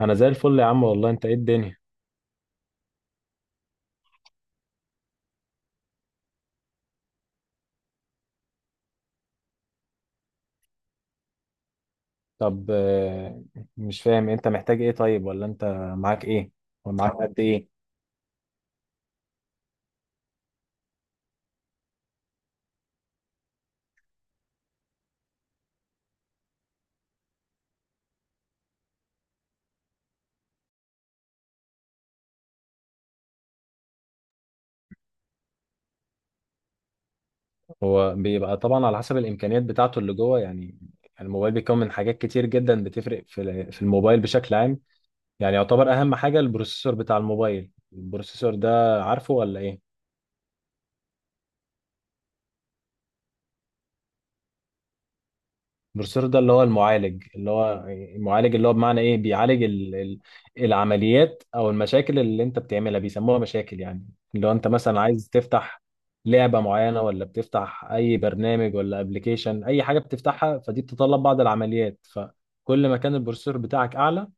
انا زي الفل يا عم والله. انت ايه الدنيا؟ طب مش فاهم انت محتاج ايه طيب، ولا انت معاك ايه؟ ومعاك قد ايه؟ هو بيبقى طبعا على حسب الامكانيات بتاعته اللي جوه يعني. الموبايل بيكون من حاجات كتير جدا بتفرق في الموبايل بشكل عام. يعني يعتبر اهم حاجة البروسيسور بتاع الموبايل. البروسيسور ده عارفه ولا ايه؟ البروفيسور ده اللي هو المعالج اللي هو بمعنى ايه بيعالج ال العمليات او المشاكل اللي انت بتعملها بيسموها مشاكل يعني. اللي هو انت مثلا عايز تفتح لعبة معينة، ولا بتفتح اي برنامج ولا ابلكيشن، اي حاجة بتفتحها فدي بتتطلب بعض العمليات. فكل ما كان البروسيسور بتاعك اعلى،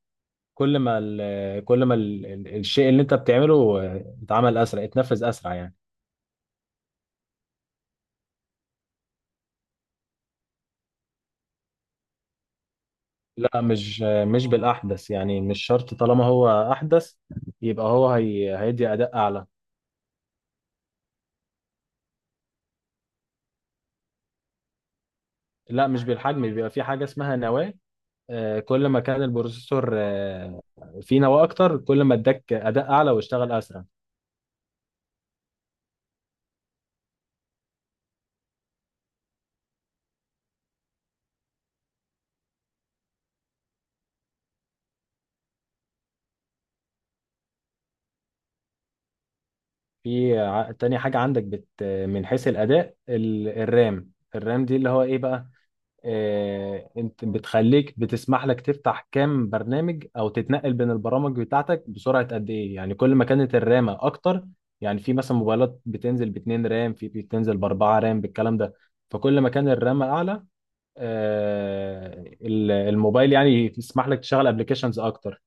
كل ما الشيء اللي انت بتعمله اتعمل اسرع، اتنفذ اسرع يعني. لا، مش بالأحدث. يعني مش شرط طالما هو أحدث يبقى هي هيدي أداء أعلى. لا مش بالحجم. بيبقى في حاجة اسمها نواة. كل ما كان البروسيسور فيه نواة أكتر، كل ما اداك أداء أعلى واشتغل أسرع. تاني حاجة عندك من حيث الأداء الرام الرام دي اللي هو إيه بقى؟ انت بتسمح لك تفتح كام برنامج او تتنقل بين البرامج بتاعتك بسرعه قد ايه. يعني كل ما كانت الرامه اكتر. يعني في مثلا موبايلات بتنزل باتنين رام، في بتنزل باربعه رام بالكلام ده. فكل ما كان الرامه اعلى، الموبايل يعني يسمح لك تشغل ابلكيشنز اكتر.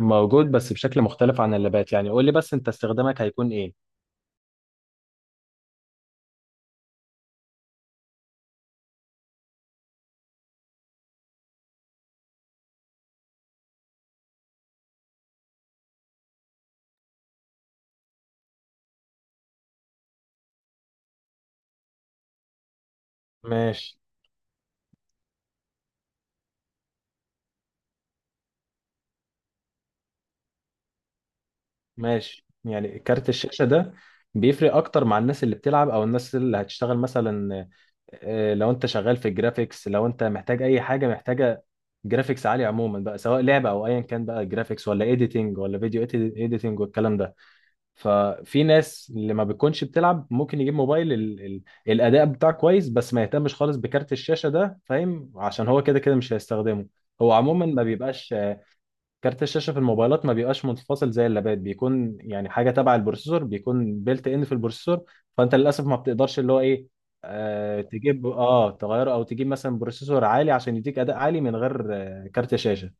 موجود بس بشكل مختلف عن اللابات. يعني قول لي بس انت استخدامك هيكون ايه؟ ماشي. ماشي، يعني كارت الشاشة ده بيفرق أكتر مع الناس اللي بتلعب أو الناس اللي هتشتغل مثلا. لو أنت شغال في الجرافيكس، لو أنت محتاج أي حاجة محتاجة جرافيكس عالي عموما بقى، سواء لعبة أو أيا كان بقى، جرافيكس ولا إيديتنج ولا فيديو إيديتنج والكلام ده. ففي ناس اللي ما بتكونش بتلعب ممكن يجيب موبايل ال الأداء بتاعه كويس بس ما يهتمش خالص بكارت الشاشة ده، فاهم؟ عشان هو كده كده مش هيستخدمه. هو عموما ما بيبقاش كارت الشاشة في الموبايلات، ما بيبقاش منفصل زي اللابات. بيكون يعني حاجة تبع البروسيسور، بيكون بيلت ان في البروسيسور. فأنت للأسف ما بتقدرش اللي هو إيه، تجيب، تغيره أو تجيب مثلا بروسيسور عالي عشان يديك أداء عالي من غير كارت شاشة.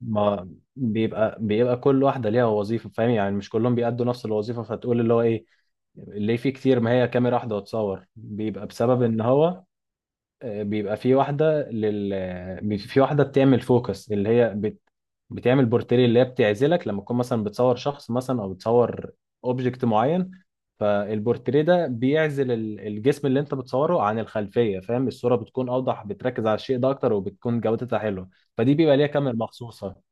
ما بيبقى كل واحدة ليها وظيفة، فاهم؟ يعني مش كلهم بيأدوا نفس الوظيفة. فتقول اللي هو إيه اللي فيه كتير؟ ما هي كاميرا واحدة وتصور، بيبقى بسبب إن هو بيبقى في واحدة في واحدة بتعمل فوكس اللي هي بتعمل بورتري، اللي هي بتعزلك لما تكون مثلا بتصور شخص مثلا، او بتصور اوبجكت معين. فالبورتريه ده بيعزل الجسم اللي انت بتصوره عن الخلفية، فاهم؟ الصورة بتكون اوضح، بتركز على الشيء ده اكتر، وبتكون جودتها حلوة. فدي بيبقى ليها كاميرا مخصوصة.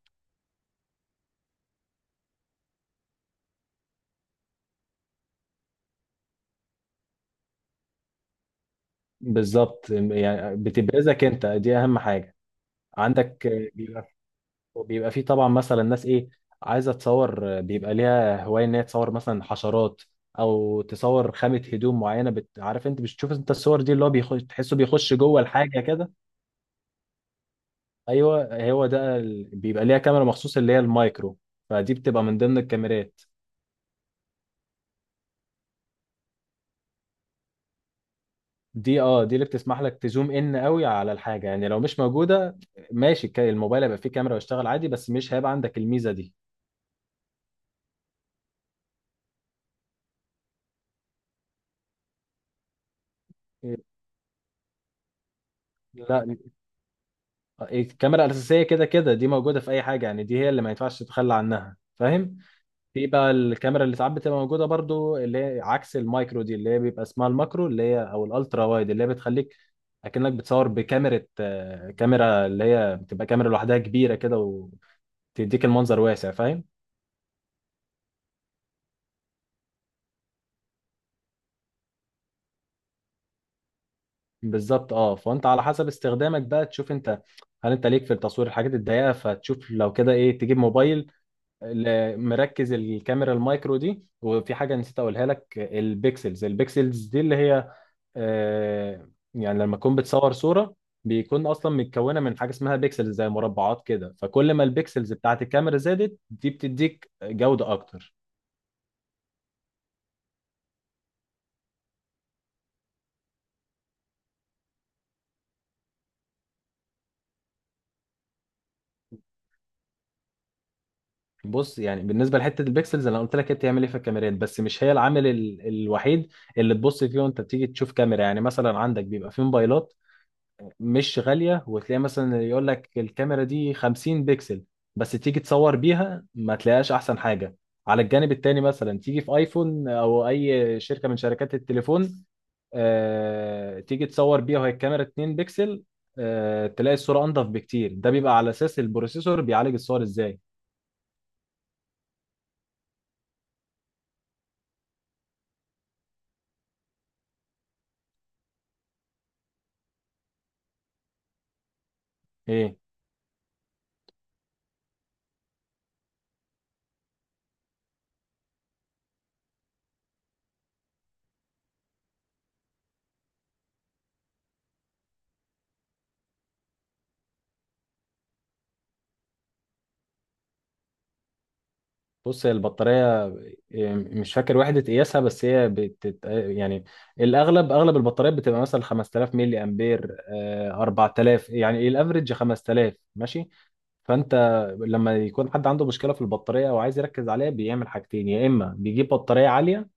بالظبط، يعني بتبرزك انت. دي اهم حاجة عندك. وبيبقى فيه طبعا مثلا ناس ايه عايزه تصور. بيبقى ليها هوايه ان هي تصور مثلا حشرات او تصور خامه هدوم معينه عارف انت بتشوف انت الصور دي اللي هو بيخش، تحسه بيخش جوه الحاجه كده. ايوه هو ده بيبقى ليها كاميرا مخصوص اللي هي المايكرو. فدي بتبقى من ضمن الكاميرات. دي اللي بتسمح لك تزوم ان قوي على الحاجه. يعني لو مش موجوده ماشي، الموبايل هيبقى فيه كاميرا ويشتغل عادي بس مش هيبقى عندك الميزه دي. لا، الكاميرا الأساسية كده كده دي موجودة في أي حاجة. يعني دي هي اللي ما ينفعش تتخلى عنها، فاهم؟ في بقى الكاميرا اللي ساعات بتبقى موجودة برضو اللي هي عكس المايكرو دي، اللي هي بيبقى اسمها الماكرو، اللي هي أو الألترا وايد، اللي هي بتخليك أكنك بتصور بكاميرا، كاميرا اللي هي بتبقى كاميرا لوحدها كبيرة كده، وتديك المنظر واسع، فاهم؟ بالظبط، اه. فأنت على حسب استخدامك بقى تشوف أنت، هل أنت ليك في التصوير الحاجات الضيقة. فتشوف لو كده إيه، تجيب موبايل مركز الكاميرا المايكرو دي. وفي حاجه نسيت اقولها لك، البيكسلز دي اللي هي يعني لما تكون بتصور صوره، بيكون اصلا متكونه من حاجه اسمها بيكسلز، زي مربعات كده. فكل ما البيكسلز بتاعت الكاميرا زادت دي، بتديك جوده اكتر. بص، يعني بالنسبه لحته البيكسلز، انا قلت لك هي بتعمل ايه في الكاميرات، بس مش هي العامل الوحيد اللي تبص فيه وانت بتيجي تشوف كاميرا. يعني مثلا عندك بيبقى في موبايلات مش غالية، وتلاقي مثلا يقول لك الكاميرا دي 50 بكسل، بس تيجي تصور بيها ما تلاقيهاش أحسن حاجة. على الجانب التاني، مثلا تيجي في ايفون او اي شركة من شركات التليفون، تيجي تصور بيها وهي الكاميرا 2 بكسل، تلاقي الصورة انضف بكتير. ده بيبقى على اساس البروسيسور بيعالج الصور ازاي. ايه؟ بص، هي البطارية مش فاكر وحدة قياسها، بس هي يعني أغلب البطاريات بتبقى مثلا 5000 ملي أمبير، 4000، يعني الأفريج 5000 ماشي. فأنت لما يكون حد عنده مشكلة في البطارية أو عايز يركز عليها، بيعمل حاجتين: يا إما بيجيب بطارية عالية،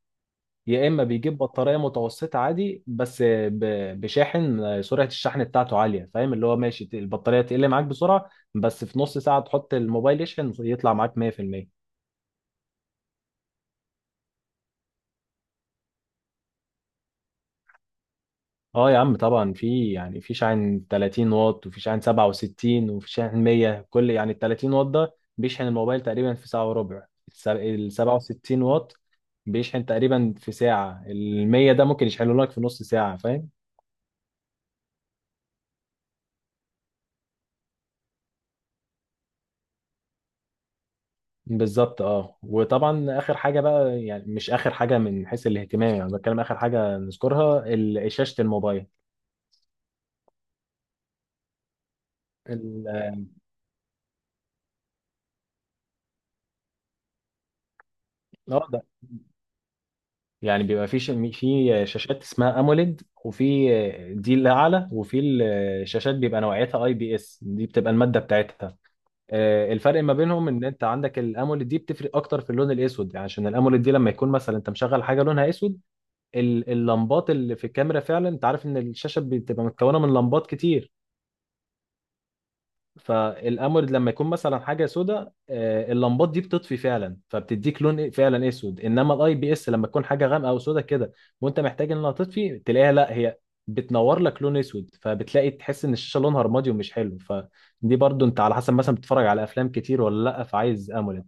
يا إما بيجيب بطارية متوسطة عادي بس بشاحن سرعة الشحن بتاعته عالية، فاهم؟ اللي هو ماشي، البطارية تقل معاك بسرعة، بس في نص ساعة تحط الموبايل يشحن يطلع معاك 100%. اه يا عم طبعا، في، يعني في شاحن 30 واط، وفي شاحن 67، وفي شاحن 100. كل يعني ال 30 واط ده بيشحن الموبايل تقريبا في ساعة وربع، ال 67 واط بيشحن تقريبا في ساعة، ال 100 ده ممكن يشحنه لك في نص ساعة، فاهم؟ بالظبط، اه. وطبعا اخر حاجة بقى، يعني مش اخر حاجة من حيث الاهتمام، يعني بتكلم اخر حاجة نذكرها، شاشة الموبايل. ال- اه يعني بيبقى في في شاشات اسمها اموليد، وفي دي اللي اعلى. وفي الشاشات بيبقى نوعيتها IPS، دي بتبقى الماده بتاعتها. الفرق ما بينهم ان انت عندك الاموليد دي بتفرق اكتر في اللون الاسود. يعني عشان الاموليد دي لما يكون مثلا انت مشغل حاجه لونها اسود، اللمبات اللي في الكاميرا فعلا، انت عارف ان الشاشه بتبقى متكونه من لمبات كتير. فالامورد لما يكون مثلا حاجه سوداء، اللمبات دي بتطفي فعلا، فبتديك لون فعلا اسود. انما الاي بي اس لما تكون حاجه غامقه او سوداء كده، وانت محتاج انها تطفي، تلاقيها لا هي بتنور لك لون اسود، فبتلاقي تحس ان الشاشه لونها رمادي ومش حلو. فدي برضو انت على حسب، مثلا بتتفرج على افلام كتير ولا لا، فعايز اموليد.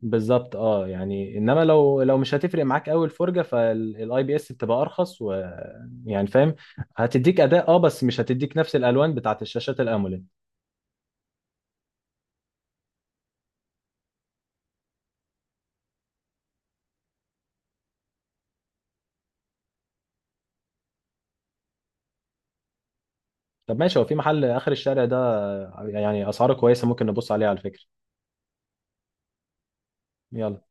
بالظبط، اه. يعني انما لو مش هتفرق معاك قوي الفرجه، فالاي بي اس بتبقى ارخص، ويعني فاهم، هتديك اداء، اه، بس مش هتديك نفس الالوان بتاعت الشاشات الاموليد. طب ماشي، هو في محل آخر الشارع ده يعني أسعاره كويسة، ممكن نبص عليه على فكرة. يلا.